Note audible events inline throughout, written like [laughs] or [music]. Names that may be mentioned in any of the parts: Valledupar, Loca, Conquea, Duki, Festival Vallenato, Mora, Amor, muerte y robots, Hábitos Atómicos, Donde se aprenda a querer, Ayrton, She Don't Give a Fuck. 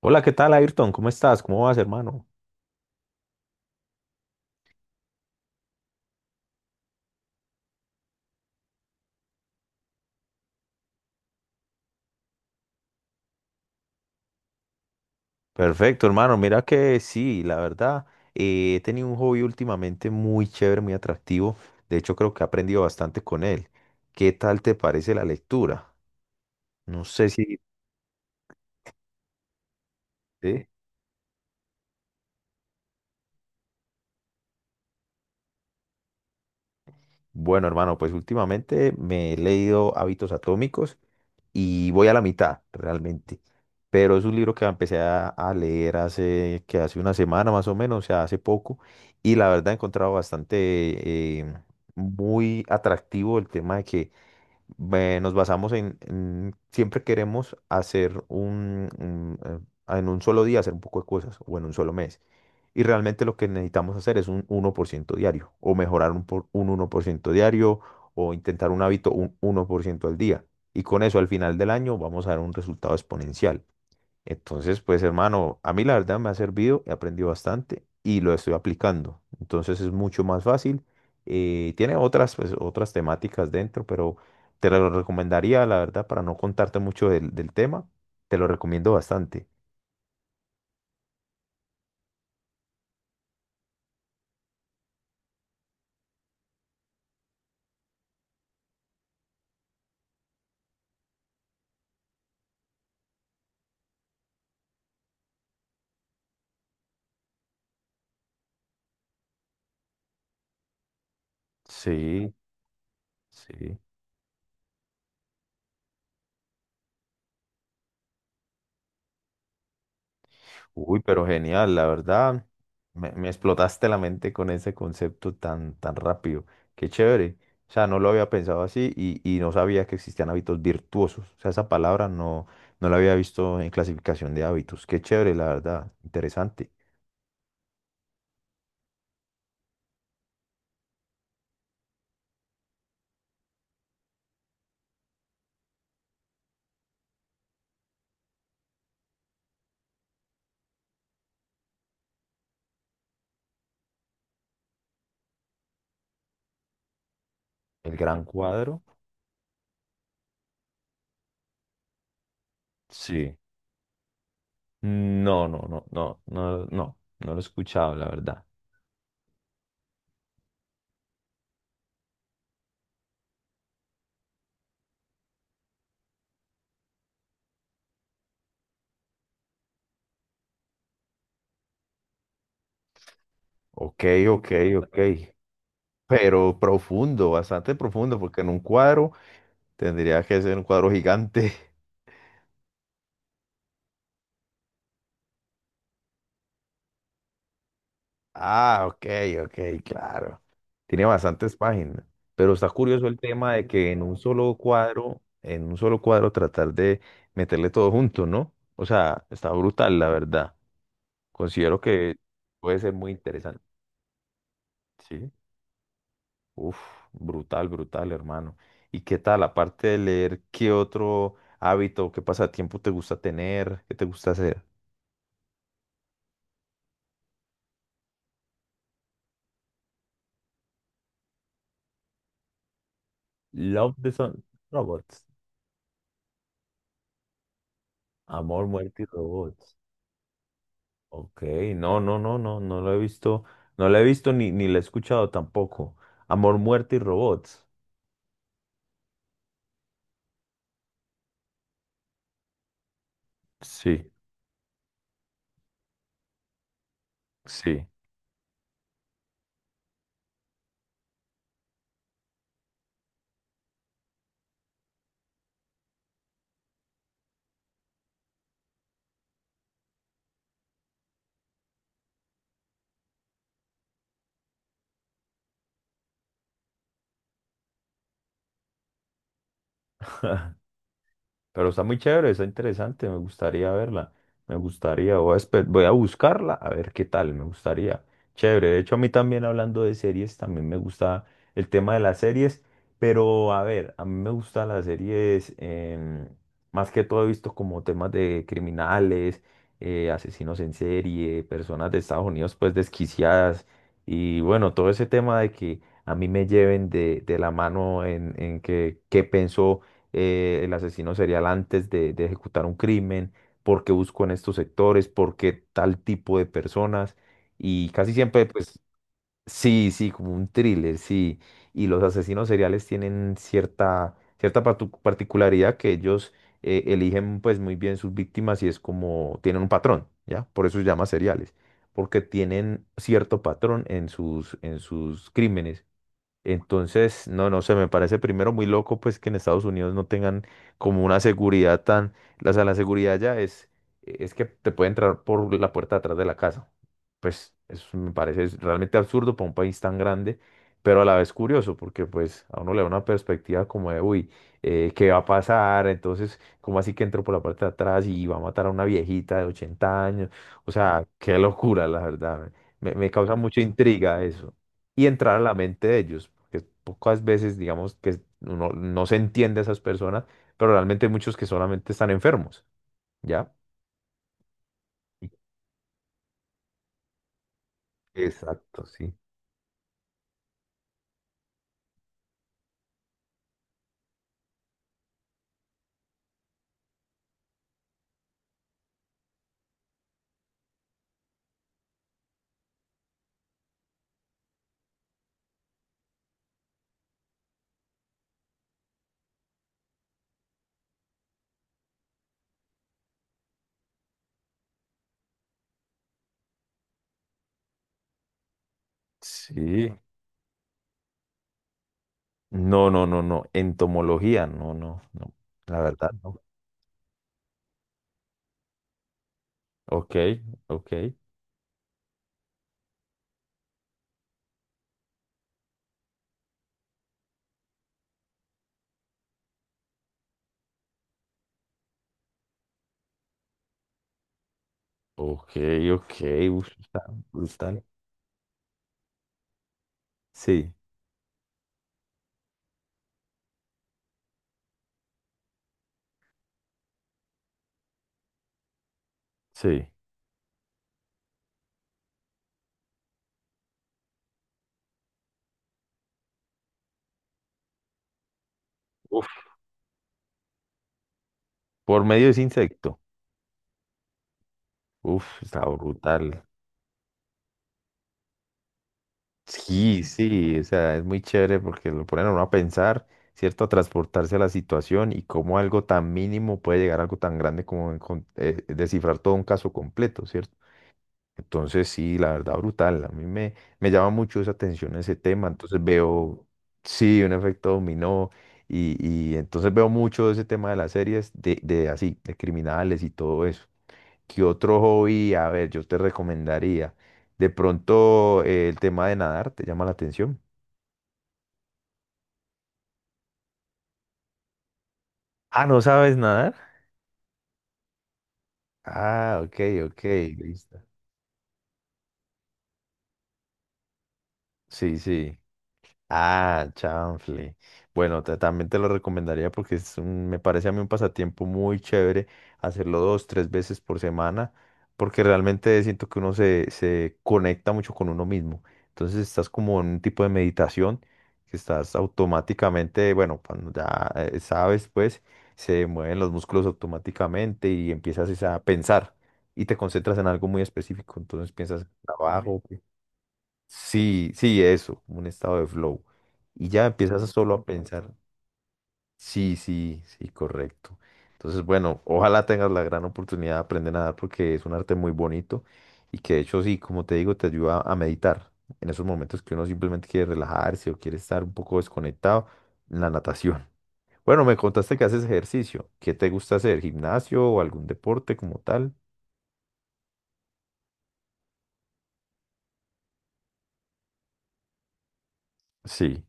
Hola, ¿qué tal, Ayrton? ¿Cómo estás? ¿Cómo vas, hermano? Perfecto, hermano. Mira que sí, la verdad, he tenido un hobby últimamente muy chévere, muy atractivo. De hecho, creo que he aprendido bastante con él. ¿Qué tal te parece la lectura? No sé si... ¿sí? Bueno, hermano, pues últimamente me he leído Hábitos Atómicos y voy a la mitad realmente. Pero es un libro que empecé a leer que hace una semana más o menos, o sea, hace poco. Y la verdad he encontrado bastante eh, muy atractivo el tema de que nos basamos en siempre queremos hacer un en un solo día hacer un poco de cosas o en un solo mes. Y realmente lo que necesitamos hacer es un 1% diario o mejorar un 1% diario o intentar un hábito un 1% al día. Y con eso al final del año vamos a dar un resultado exponencial. Entonces, pues hermano, a mí la verdad me ha servido, he aprendido bastante y lo estoy aplicando. Entonces es mucho más fácil. Tiene otras, pues, otras temáticas dentro, pero te lo recomendaría, la verdad, para no contarte mucho del tema, te lo recomiendo bastante. Sí, sí. Uy, pero genial, la verdad, me explotaste la mente con ese concepto tan rápido. Qué chévere. O sea, no lo había pensado así y no sabía que existían hábitos virtuosos. O sea, esa palabra no la había visto en clasificación de hábitos. Qué chévere, la verdad. Interesante. El gran cuadro. Sí. No, no, no, no, no, no, no lo he escuchado, la verdad. Ok, ok, ok. Pero profundo, bastante profundo, porque en un cuadro tendría que ser un cuadro gigante. [laughs] Ah, ok, ok, claro. Tiene bastantes páginas, pero está curioso el tema de que en un solo cuadro, en un solo cuadro tratar de meterle todo junto, ¿no? O sea, está brutal, la verdad. Considero que puede ser muy interesante. Sí. Uf, brutal, brutal, hermano. ¿Y qué tal, aparte de leer, qué otro hábito, qué pasatiempo te gusta tener, qué te gusta hacer? Love the Sun, Robots. Amor, muerte y robots. Ok, no, no, no, no, no lo he visto, no la he visto ni la he escuchado tampoco. Amor, muerte y robots. Sí, sí. Pero está muy chévere, está interesante, me gustaría verla. Me gustaría, voy a buscarla a ver qué tal, me gustaría. Chévere, de hecho a mí también hablando de series, también me gusta el tema de las series, pero a ver, a mí me gustan las series, más que todo he visto como temas de criminales, asesinos en serie, personas de Estados Unidos pues desquiciadas y bueno, todo ese tema de que a mí me lleven de la mano en que qué pensó el asesino serial antes de ejecutar un crimen, por qué busco en estos sectores, por qué tal tipo de personas. Y casi siempre, pues, sí, sí, como un thriller, sí. Y los asesinos seriales tienen cierta particularidad que ellos eligen pues muy bien sus víctimas y es como tienen un patrón, ¿ya? Por eso se llama seriales, porque tienen cierto patrón en en sus crímenes. Entonces, no sé, me parece primero muy loco pues que en Estados Unidos no tengan como una seguridad tan, o sea, la seguridad ya es que te puede entrar por la puerta de atrás de la casa. Pues eso me parece es realmente absurdo para un país tan grande, pero a la vez curioso porque pues a uno le da una perspectiva como de, uy, ¿qué va a pasar? Entonces, ¿cómo así que entró por la parte de atrás y va a matar a una viejita de 80 años? O sea, qué locura, la verdad. Me causa mucha intriga eso y entrar a la mente de ellos, porque pocas veces, digamos, que uno no se entiende a esas personas, pero realmente hay muchos que solamente están enfermos, ¿ya? Y- Exacto, sí. Sí. No, no, no, no. Entomología, no, no, no. La verdad, no. Ok, ok, ok, ok. Uf, está brutal. Sí, sí. Uf, por medio de ese insecto. Uf, está brutal. Sí, sí, o sea, es muy chévere porque lo ponen a uno a pensar, ¿cierto? A transportarse a la situación y cómo algo tan mínimo puede llegar a algo tan grande como descifrar todo un caso completo, ¿cierto? Entonces, sí, la verdad, brutal. A mí me llama mucho esa atención ese tema. Entonces veo, sí, un efecto dominó y, y entonces veo mucho ese tema de las series de así, de criminales y todo eso. ¿Qué otro hobby? A ver, yo te recomendaría. De pronto, el tema de nadar, ¿te llama la atención? Ah, ¿no sabes nadar? Ah, ok, ok, listo. Sí, sí. Ah, chanfle. Bueno, también te lo recomendaría porque es me parece a mí un pasatiempo muy chévere hacerlo dos, tres veces por semana, porque realmente siento que uno se conecta mucho con uno mismo. Entonces estás como en un tipo de meditación que estás automáticamente, bueno, cuando ya sabes, pues se mueven los músculos automáticamente y empiezas es a pensar y te concentras en algo muy específico. Entonces piensas en trabajo. Sí, sí, eso, como un estado de flow. Y ya empiezas a solo a pensar. Sí, sí, sí, correcto. Entonces, bueno, ojalá tengas la gran oportunidad de aprender a nadar porque es un arte muy bonito y que de hecho, sí, como te digo, te ayuda a meditar. En esos momentos que uno simplemente quiere relajarse o quiere estar un poco desconectado, la natación. Bueno, me contaste que haces ejercicio. ¿Qué te gusta hacer? ¿Gimnasio o algún deporte como tal? Sí.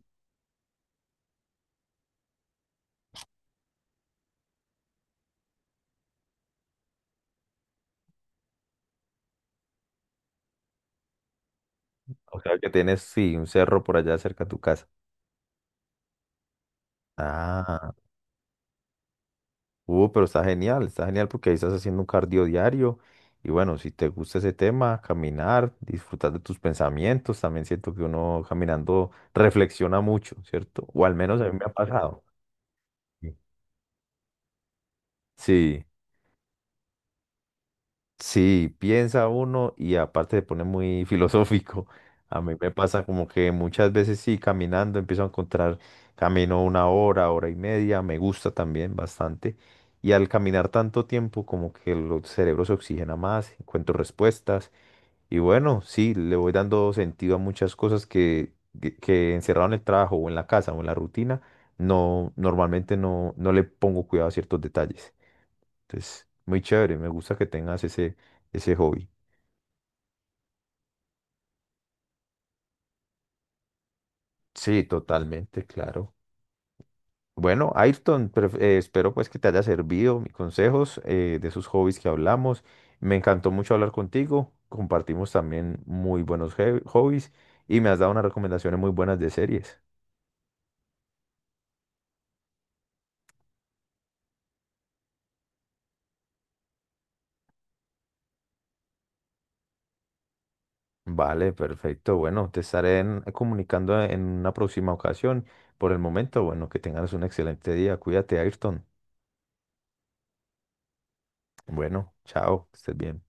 O sea, que tienes, sí, un cerro por allá cerca de tu casa. Ah. Pero está genial porque ahí estás haciendo un cardio diario. Y bueno, si te gusta ese tema, caminar, disfrutar de tus pensamientos, también siento que uno caminando reflexiona mucho, ¿cierto? O al menos a mí me ha pasado. Sí. Sí. Sí, piensa uno y aparte se pone muy [laughs] filosófico. A mí me pasa como que muchas veces sí, caminando empiezo a encontrar camino una hora, hora y media, me gusta también bastante. Y al caminar tanto tiempo como que el cerebro se oxigena más, encuentro respuestas. Y bueno, sí, le voy dando sentido a muchas cosas que encerrado en el trabajo o en la casa o en la rutina, no, normalmente no le pongo cuidado a ciertos detalles. Entonces, muy chévere, me gusta que tengas ese, ese hobby. Sí, totalmente, claro. Bueno, Ayrton, espero pues que te haya servido mis consejos de esos hobbies que hablamos. Me encantó mucho hablar contigo. Compartimos también muy buenos hobbies y me has dado unas recomendaciones muy buenas de series. Vale, perfecto. Bueno, te estaré comunicando en una próxima ocasión. Por el momento, bueno, que tengas un excelente día. Cuídate, Ayrton. Bueno, chao, que estés bien.